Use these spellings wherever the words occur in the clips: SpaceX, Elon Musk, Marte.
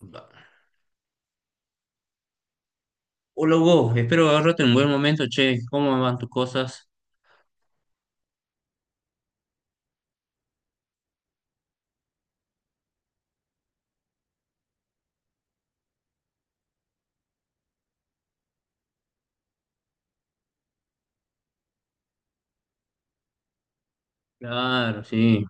Va. Hola Hugo, espero agarrarte en un buen momento, che, ¿cómo van tus cosas? Claro, sí,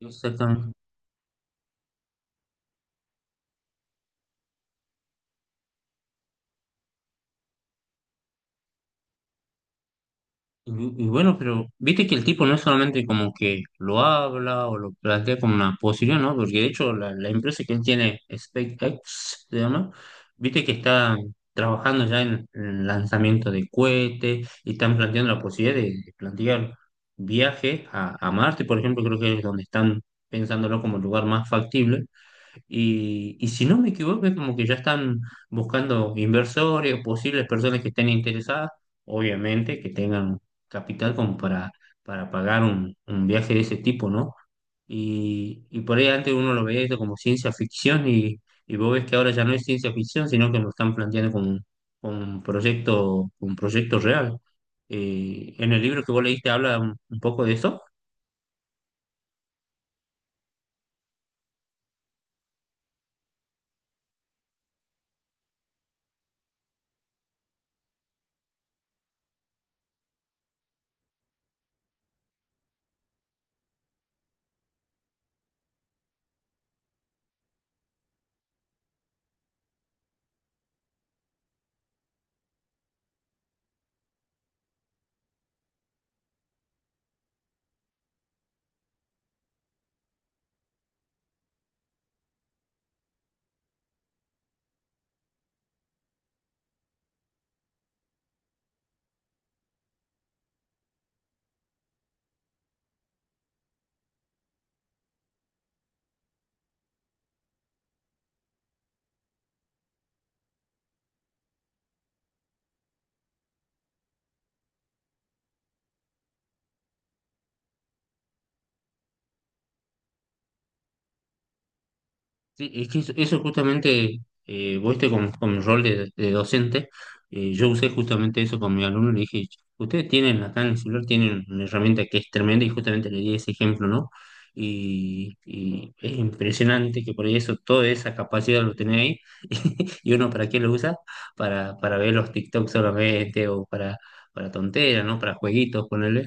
exactamente. Y, y bueno, pero viste que el tipo no es solamente como que lo habla o lo plantea como una posibilidad, ¿no? Porque de hecho la empresa que él tiene, SpaceX, se llama, viste que está trabajando ya en el lanzamiento de cohetes y están planteando la posibilidad de plantear viajes a Marte, por ejemplo, creo que es donde están pensándolo como el lugar más factible. Y si no me equivoco, es como que ya están buscando inversores, posibles personas que estén interesadas, obviamente que tengan capital como para pagar un viaje de ese tipo, ¿no? Y por ahí antes uno lo veía eso como ciencia ficción y vos ves que ahora ya no es ciencia ficción, sino que lo están planteando como, como un proyecto real. En el libro que vos leíste habla un poco de eso. Sí, es que eso justamente, vos este con mi rol de docente, yo usé justamente eso con mi alumno, le dije, ustedes tienen acá en el celular, tienen una herramienta que es tremenda y justamente le di ese ejemplo, ¿no? Y es impresionante que por ahí eso, toda esa capacidad lo tenés ahí. Y uno para qué lo usa, para ver los TikToks solamente o para tonteras, ¿no? Para jueguitos, ponerle.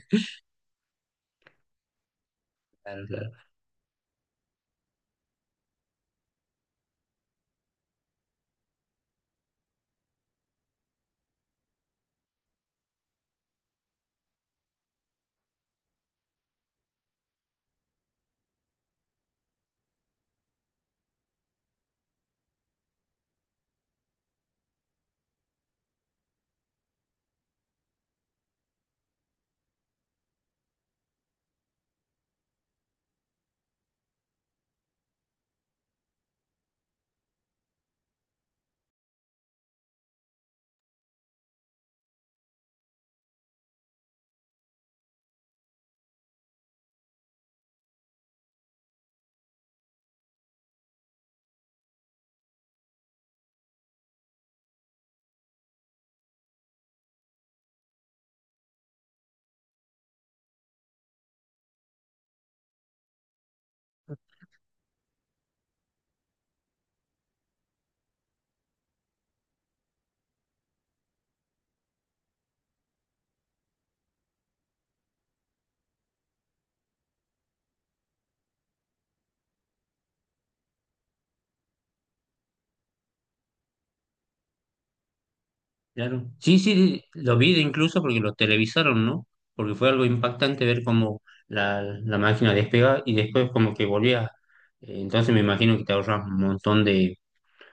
Claro. Sí, sí, lo vi de incluso porque lo televisaron, ¿no? Porque fue algo impactante ver cómo la máquina despega y después como que volvía. Entonces me imagino que te ahorras un montón de,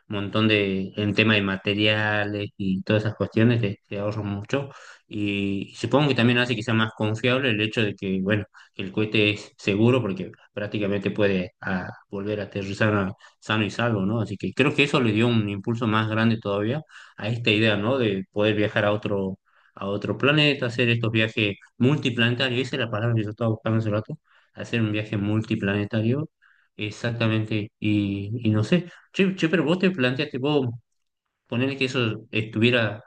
montón de, en tema de materiales y todas esas cuestiones, te ahorran mucho. Y, supongo que también hace que sea más confiable el hecho de que, bueno, que el cohete es seguro porque prácticamente puede volver a aterrizar sano y salvo, ¿no? Así que creo que eso le dio un impulso más grande todavía a esta idea, ¿no? De poder viajar a a otro planeta, hacer estos viajes multiplanetarios, esa es la palabra que yo estaba buscando hace rato, hacer un viaje multiplanetario, exactamente, y no sé. Che, pero vos te planteaste, vos ponerle que eso estuviera,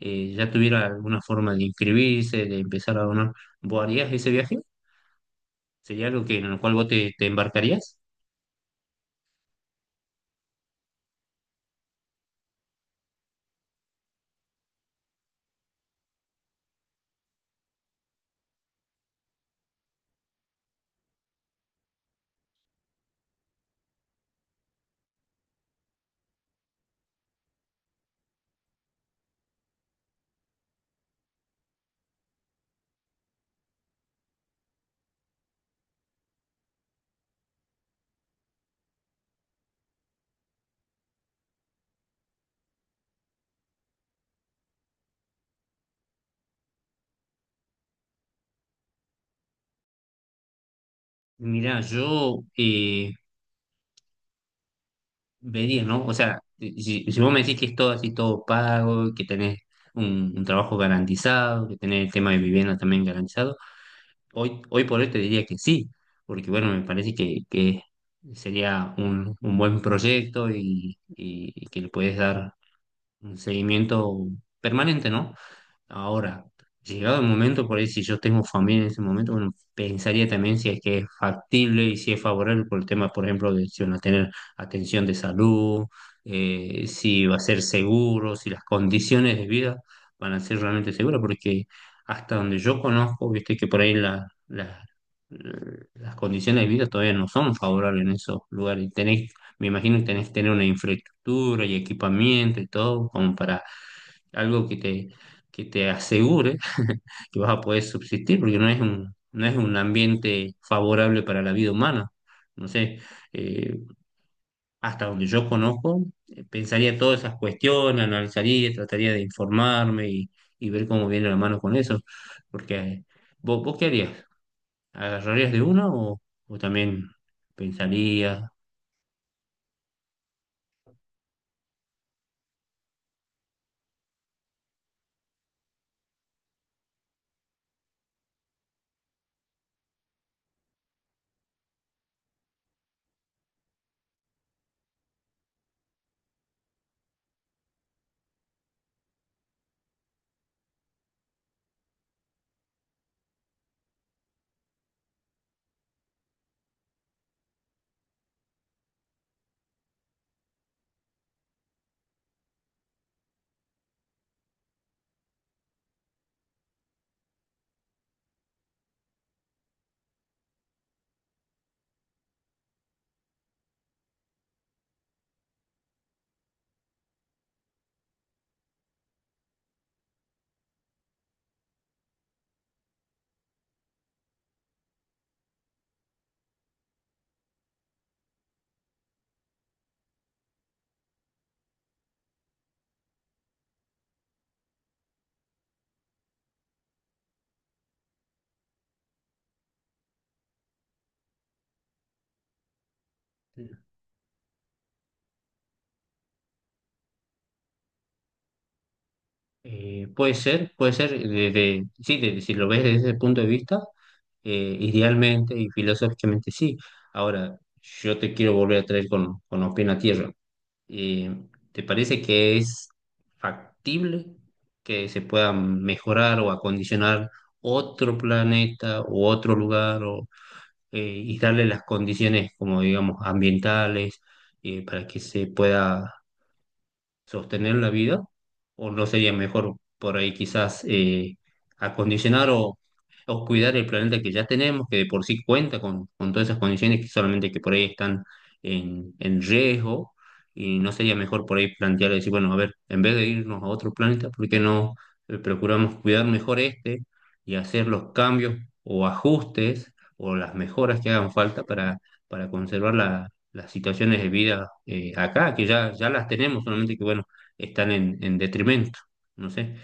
ya tuviera alguna forma de inscribirse, de empezar a donar, ¿vos harías ese viaje? ¿Sería algo que, en lo cual vos te embarcarías? Mirá, yo vería, ¿no? O sea, si vos me decís que es todo así, todo pago, que tenés un trabajo garantizado, que tenés el tema de vivienda también garantizado, hoy por hoy te diría que sí, porque bueno, me parece que sería un buen proyecto y que le puedes dar un seguimiento permanente, ¿no? Ahora, llegado el momento, por ahí si yo tengo familia en ese momento, bueno, pensaría también si es que es factible y si es favorable por el tema, por ejemplo, de si van a tener atención de salud, si va a ser seguro, si las condiciones de vida van a ser realmente seguras, porque hasta donde yo conozco, viste que por ahí las condiciones de vida todavía no son favorables en esos lugares. Y tenés, me imagino que tenés que tener una infraestructura y equipamiento y todo como para algo que que te asegure que vas a poder subsistir, porque no es un, no es un ambiente favorable para la vida humana. No sé, eh, hasta donde yo conozco, pensaría todas esas cuestiones, analizaría, trataría de informarme y ver cómo viene la mano con eso. Porque, ¿vos, vos qué harías? ¿Agarrarías de una o también pensarías? Puede ser, puede ser, sí, si lo ves desde ese punto de vista, idealmente y filosóficamente sí. Ahora, yo te quiero volver a traer con los pies en la tierra. Eh, ¿Te parece que es factible que se pueda mejorar o acondicionar otro planeta u otro lugar o, eh, y darle las condiciones como digamos ambientales para que se pueda sostener la vida? ¿O no sería mejor por ahí quizás acondicionar o cuidar el planeta que ya tenemos, que de por sí cuenta con todas esas condiciones que solamente que por ahí están en riesgo? ¿Y no sería mejor por ahí plantear, decir, bueno, a ver, en vez de irnos a otro planeta, ¿por qué no procuramos cuidar mejor este y hacer los cambios o ajustes o las mejoras que hagan falta para conservar las situaciones de vida acá, que ya las tenemos, solamente que, bueno, están en detrimento, no sé.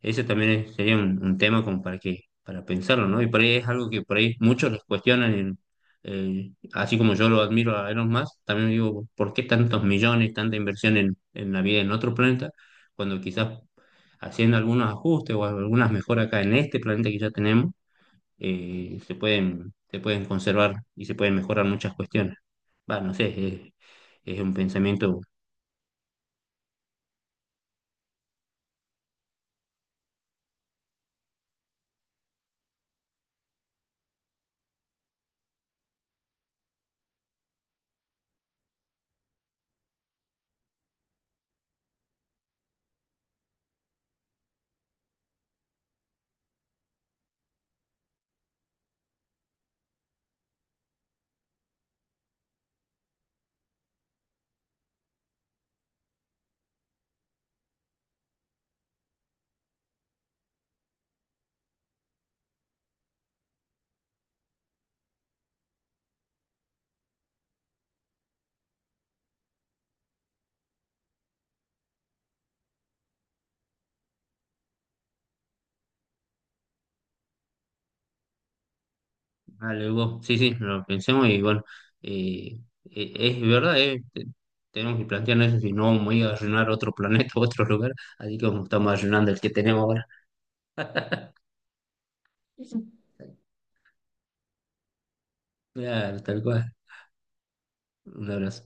Ese también sería un tema como para que, para pensarlo, ¿no? Y por ahí es algo que por ahí muchos les cuestionan, así como yo lo admiro a Elon Musk, también digo, ¿por qué tantos millones, tanta inversión en la vida en otro planeta, cuando quizás haciendo algunos ajustes o algunas mejoras acá en este planeta que ya tenemos, se pueden conservar y se pueden mejorar muchas cuestiones? Bueno, no sé, es un pensamiento, algo, sí, sí, lo pensemos y bueno, eh, es verdad, tenemos que plantearnos eso, si no vamos a ir a arruinar otro planeta, otro lugar, así como estamos arruinando el que tenemos ahora. Sí. Claro, tal cual. Un abrazo.